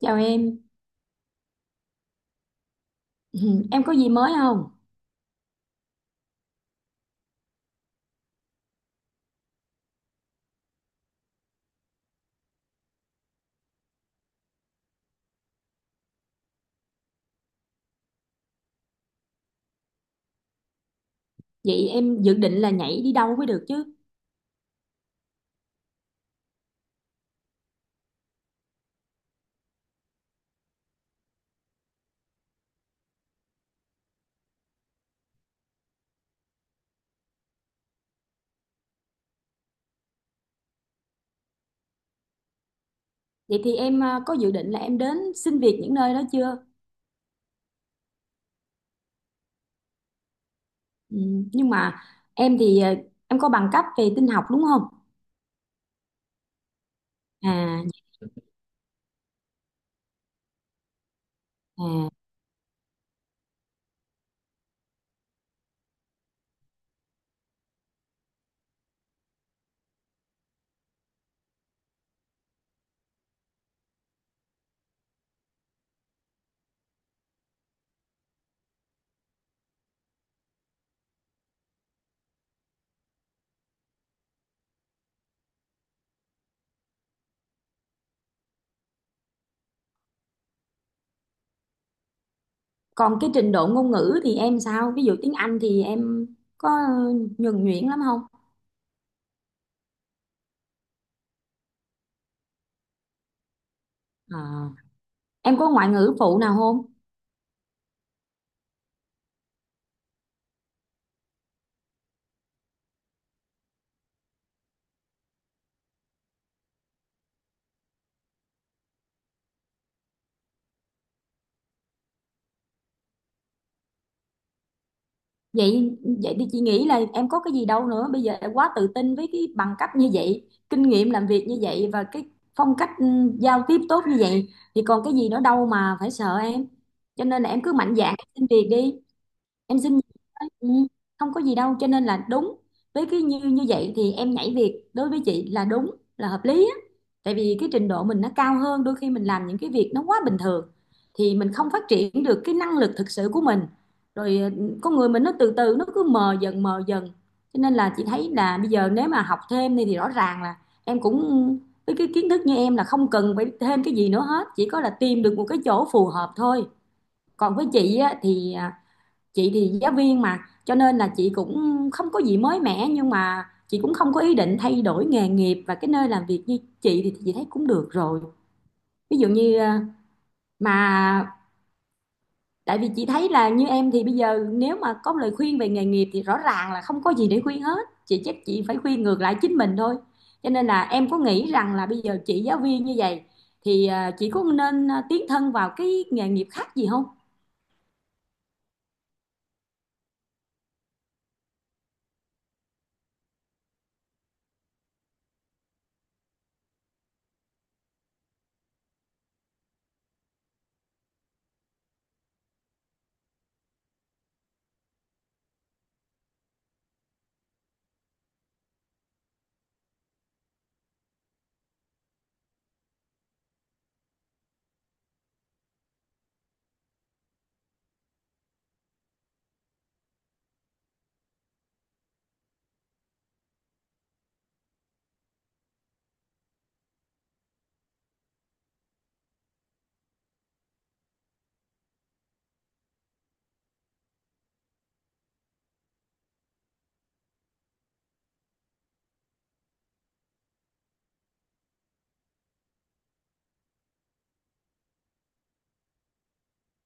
Chào em, em có gì mới không? Vậy em dự định là nhảy đi đâu mới được chứ? Vậy thì em có dự định là em đến xin việc những nơi đó chưa? Ừ, nhưng mà em thì à, em có bằng cấp về tin học đúng không? À, à, Còn cái trình độ ngôn ngữ thì em sao? Ví dụ tiếng Anh thì em có nhuần nhuyễn lắm không? À, em có ngoại ngữ phụ nào không? Vậy vậy thì chị nghĩ là em có cái gì đâu nữa, bây giờ em quá tự tin với cái bằng cấp như vậy, kinh nghiệm làm việc như vậy và cái phong cách giao tiếp tốt như vậy thì còn cái gì nữa đâu mà phải sợ em, cho nên là em cứ mạnh dạn xin việc đi, em xin nghỉ thôi. Ừ, Không có gì đâu, cho nên là đúng với cái như như vậy thì em nhảy việc đối với chị là đúng là hợp lý á, tại vì cái trình độ mình nó cao hơn, đôi khi mình làm những cái việc nó quá bình thường thì mình không phát triển được cái năng lực thực sự của mình rồi, con người mình nó từ từ nó cứ mờ dần mờ dần, cho nên là chị thấy là bây giờ nếu mà học thêm đi thì rõ ràng là em cũng với cái kiến thức như em là không cần phải thêm cái gì nữa hết, chỉ có là tìm được một cái chỗ phù hợp thôi. Còn với chị á, chị thì giáo viên mà, cho nên là chị cũng không có gì mới mẻ, nhưng mà chị cũng không có ý định thay đổi nghề nghiệp, và cái nơi làm việc như chị thì chị thấy cũng được rồi. Ví dụ như ờ, mà tại vì chị thấy là như em thì bây giờ nếu mà có lời khuyên về nghề nghiệp thì rõ ràng là không có gì để khuyên hết, chị chắc chị phải khuyên ngược lại chính mình thôi. Cho nên là em có nghĩ rằng là bây giờ chị giáo viên như vậy thì chị có nên tiến thân vào cái nghề nghiệp khác gì không?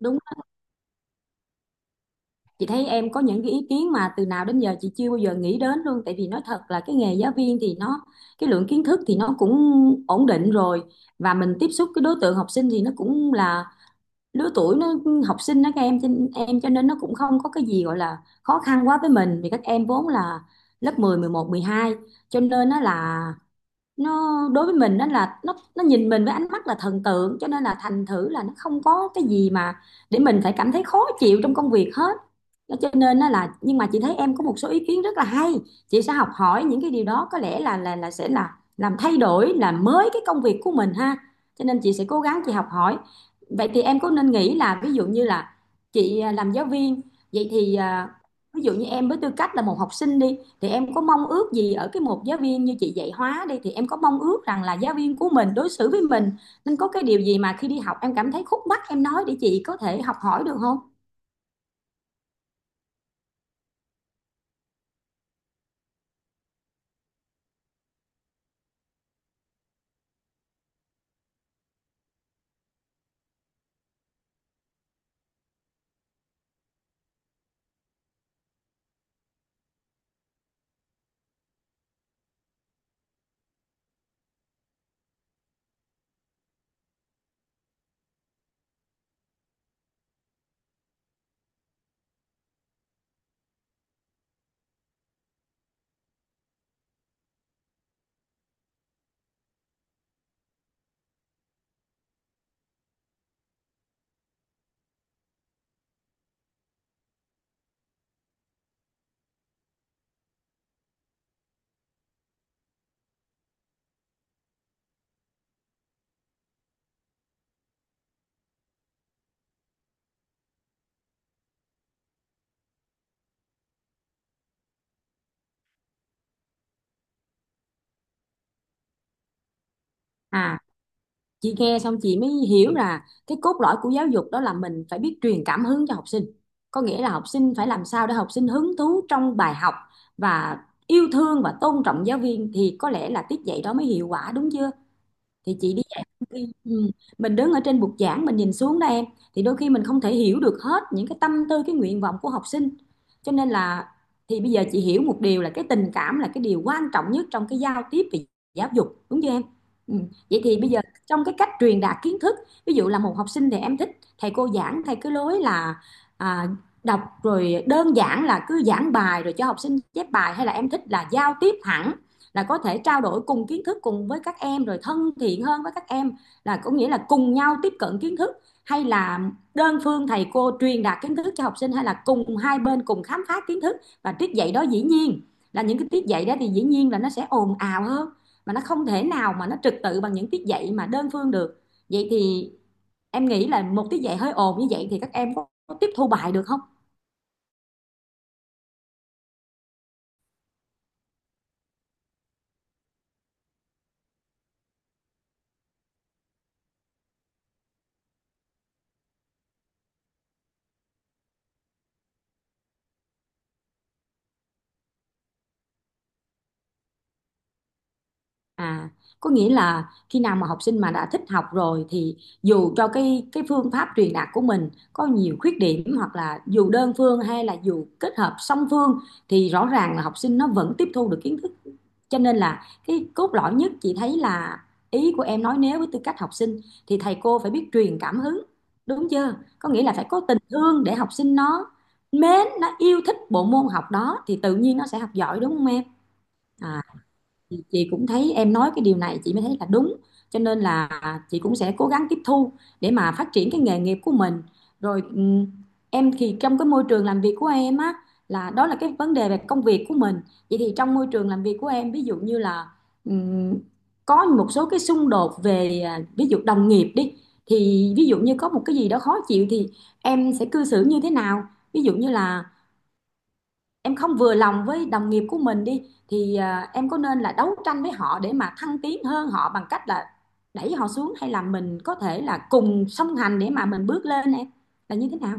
Đúng, chị thấy em có những cái ý kiến mà từ nào đến giờ chị chưa bao giờ nghĩ đến luôn, tại vì nói thật là cái nghề giáo viên thì nó cái lượng kiến thức thì nó cũng ổn định rồi, và mình tiếp xúc cái đối tượng học sinh thì nó cũng là lứa tuổi nó học sinh đó, các em cho nên nó cũng không có cái gì gọi là khó khăn quá với mình, vì các em vốn là lớp 10, 11, 12 cho nên nó là nó đối với mình đó là nó nhìn mình với ánh mắt là thần tượng, cho nên là thành thử là nó không có cái gì mà để mình phải cảm thấy khó chịu trong công việc hết. Đó, cho nên đó là, nhưng mà chị thấy em có một số ý kiến rất là hay, chị sẽ học hỏi những cái điều đó, có lẽ là sẽ làm thay đổi làm mới cái công việc của mình ha, cho nên chị sẽ cố gắng chị học hỏi. Vậy thì em có nên nghĩ là ví dụ như là chị làm giáo viên, vậy thì ví dụ như em với tư cách là một học sinh đi, thì em có mong ước gì ở cái một giáo viên như chị dạy hóa đi, thì em có mong ước rằng là giáo viên của mình đối xử với mình nên có cái điều gì mà khi đi học em cảm thấy khúc mắc em nói để chị có thể học hỏi được không? À, chị nghe xong chị mới hiểu là cái cốt lõi của giáo dục đó là mình phải biết truyền cảm hứng cho học sinh, có nghĩa là học sinh phải làm sao để học sinh hứng thú trong bài học và yêu thương và tôn trọng giáo viên, thì có lẽ là tiết dạy đó mới hiệu quả đúng chưa? Thì chị đi dạy đi. Ừ. Mình đứng ở trên bục giảng mình nhìn xuống đó em, thì đôi khi mình không thể hiểu được hết những cái tâm tư cái nguyện vọng của học sinh, cho nên là thì bây giờ chị hiểu một điều là cái tình cảm là cái điều quan trọng nhất trong cái giao tiếp về giáo dục đúng chưa em? Ừ. Vậy thì bây giờ trong cái cách truyền đạt kiến thức, ví dụ là một học sinh thì em thích thầy cô giảng theo cái lối là à, đọc rồi đơn giản là cứ giảng bài rồi cho học sinh chép bài, hay là em thích là giao tiếp hẳn, là có thể trao đổi cùng kiến thức cùng với các em rồi thân thiện hơn với các em, là có nghĩa là cùng nhau tiếp cận kiến thức, hay là đơn phương thầy cô truyền đạt kiến thức cho học sinh, hay là cùng hai bên cùng khám phá kiến thức, và tiết dạy đó dĩ nhiên là những cái tiết dạy đó thì dĩ nhiên là nó sẽ ồn ào hơn, mà nó không thể nào mà nó trật tự bằng những tiết dạy mà đơn phương được. Vậy thì em nghĩ là một tiết dạy hơi ồn như vậy thì các em có tiếp thu bài được không? À, có nghĩa là khi nào mà học sinh mà đã thích học rồi thì dù cho cái phương pháp truyền đạt của mình có nhiều khuyết điểm, hoặc là dù đơn phương hay là dù kết hợp song phương, thì rõ ràng là học sinh nó vẫn tiếp thu được kiến thức. Cho nên là cái cốt lõi nhất chị thấy là ý của em nói nếu với tư cách học sinh thì thầy cô phải biết truyền cảm hứng, đúng chưa? Có nghĩa là phải có tình thương để học sinh nó mến, nó yêu thích bộ môn học đó thì tự nhiên nó sẽ học giỏi đúng không em? À, thì chị cũng thấy em nói cái điều này chị mới thấy là đúng, cho nên là chị cũng sẽ cố gắng tiếp thu để mà phát triển cái nghề nghiệp của mình rồi. Em thì trong cái môi trường làm việc của em á, là đó là cái vấn đề về công việc của mình. Vậy thì trong môi trường làm việc của em ví dụ như là, ừm, có một số cái xung đột về ví dụ đồng nghiệp đi, thì ví dụ như có một cái gì đó khó chịu thì em sẽ cư xử như thế nào? Ví dụ như là em không vừa lòng với đồng nghiệp của mình đi, thì em có nên là đấu tranh với họ để mà thăng tiến hơn họ bằng cách là đẩy họ xuống, hay là mình có thể là cùng song hành để mà mình bước lên em, là như thế nào?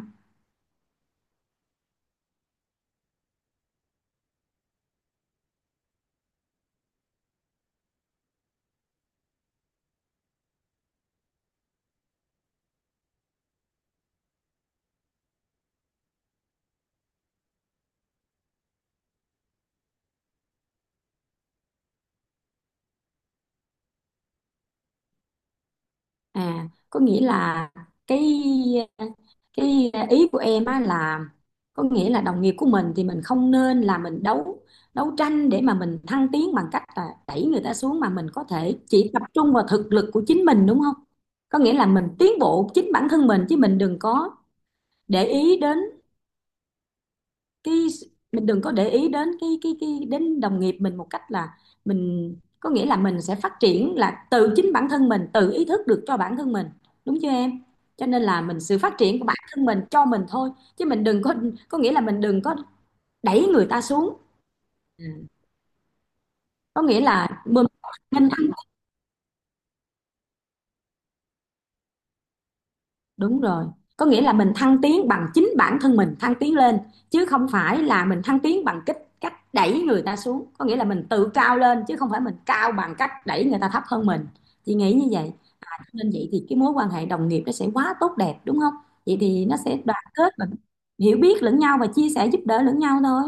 À, có nghĩa là cái cái ý của em á là có nghĩa là đồng nghiệp của mình thì mình không nên là mình đấu đấu tranh để mà mình thăng tiến bằng cách là đẩy người ta xuống, mà mình có thể chỉ tập trung vào thực lực của chính mình đúng không? Có nghĩa là mình tiến bộ chính bản thân mình, chứ mình đừng có để ý đến cái, mình đừng có để ý đến cái đến đồng nghiệp mình một cách là mình, có nghĩa là mình sẽ phát triển là từ chính bản thân mình, tự ý thức được cho bản thân mình đúng chưa em? Cho nên là mình sự phát triển của bản thân mình cho mình thôi, chứ mình đừng có, có nghĩa là mình đừng có đẩy người ta xuống. Ừ. Có nghĩa là mình nên ăn. Đúng rồi. Có nghĩa là mình thăng tiến bằng chính bản thân mình thăng tiến lên, chứ không phải là mình thăng tiến bằng cách cách đẩy người ta xuống. Có nghĩa là mình tự cao lên chứ không phải mình cao bằng cách đẩy người ta thấp hơn mình. Chị nghĩ như vậy. Nên vậy thì cái mối quan hệ đồng nghiệp nó sẽ quá tốt đẹp đúng không? Vậy thì nó sẽ đoàn kết và hiểu biết lẫn nhau và chia sẻ giúp đỡ lẫn nhau thôi.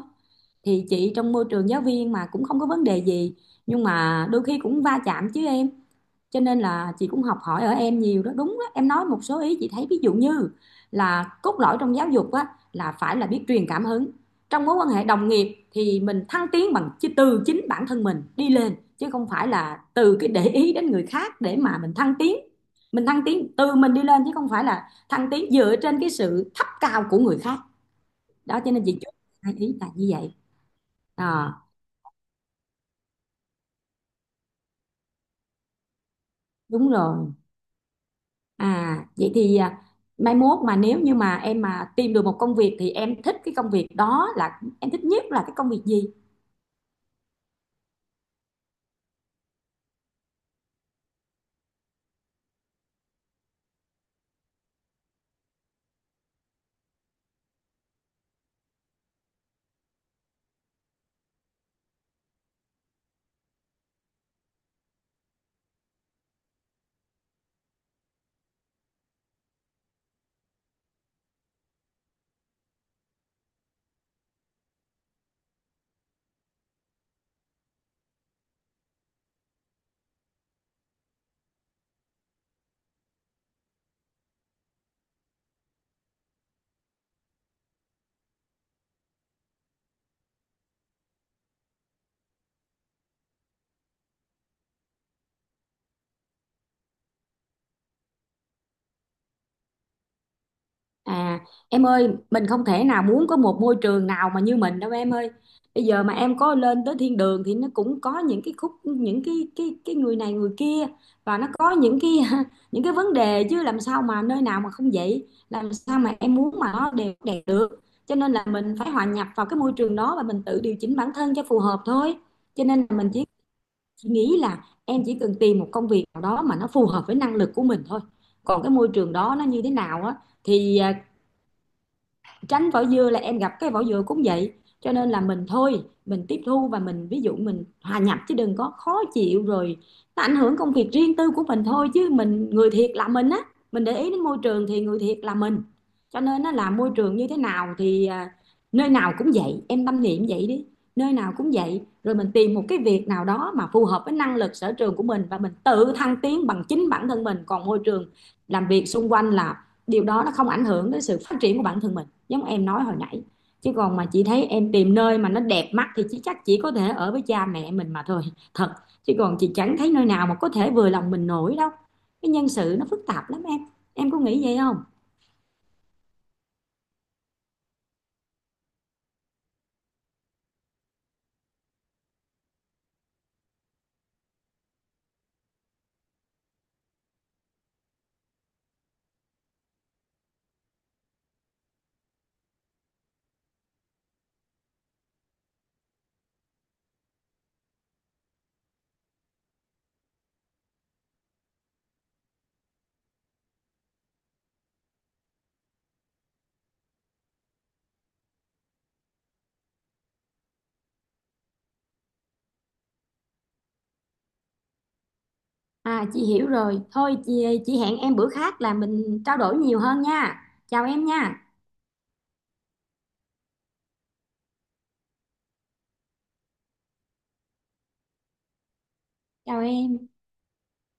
Thì chị trong môi trường giáo viên mà cũng không có vấn đề gì, nhưng mà đôi khi cũng va chạm chứ em, cho nên là chị cũng học hỏi ở em nhiều đó đúng đó. Em nói một số ý chị thấy, ví dụ như là cốt lõi trong giáo dục á, là phải là biết truyền cảm hứng, trong mối quan hệ đồng nghiệp thì mình thăng tiến bằng từ chính bản thân mình đi lên chứ không phải là từ cái để ý đến người khác để mà mình thăng tiến, mình thăng tiến từ mình đi lên chứ không phải là thăng tiến dựa trên cái sự thấp cao của người khác. Đó cho nên chị chú ý là như vậy. À, đúng rồi. À, vậy thì mai mốt mà nếu như mà em mà tìm được một công việc thì em thích cái công việc đó là em thích nhất là cái công việc gì? À, em ơi, mình không thể nào muốn có một môi trường nào mà như mình đâu em ơi. Bây giờ mà em có lên tới thiên đường thì nó cũng có những cái khúc những cái người này người kia, và nó có những cái những cái vấn đề, chứ làm sao mà nơi nào mà không vậy? Làm sao mà em muốn mà nó đều đẹp được? Cho nên là mình phải hòa nhập vào cái môi trường đó và mình tự điều chỉnh bản thân cho phù hợp thôi. Cho nên là mình chỉ nghĩ là em chỉ cần tìm một công việc nào đó mà nó phù hợp với năng lực của mình thôi. Còn cái môi trường đó nó như thế nào á thì tránh vỏ dừa là em gặp cái vỏ dừa cũng vậy, cho nên là mình thôi mình tiếp thu và mình ví dụ mình hòa nhập chứ đừng có khó chịu rồi nó ảnh hưởng công việc riêng tư của mình thôi, chứ mình người thiệt là mình á, mình để ý đến môi trường thì người thiệt là mình, cho nên nó là môi trường như thế nào thì nơi nào cũng vậy em tâm niệm vậy đi, nơi nào cũng vậy rồi mình tìm một cái việc nào đó mà phù hợp với năng lực sở trường của mình và mình tự thăng tiến bằng chính bản thân mình, còn môi trường làm việc xung quanh là điều đó nó không ảnh hưởng đến sự phát triển của bản thân mình giống em nói hồi nãy, chứ còn mà chị thấy em tìm nơi mà nó đẹp mắt thì chị chắc chỉ có thể ở với cha mẹ mình mà thôi, thật, chứ còn chị chẳng thấy nơi nào mà có thể vừa lòng mình nổi đâu, cái nhân sự nó phức tạp lắm em có nghĩ vậy không? À, chị hiểu rồi, thôi chị hẹn em bữa khác là mình trao đổi nhiều hơn nha, chào em nha, chào em.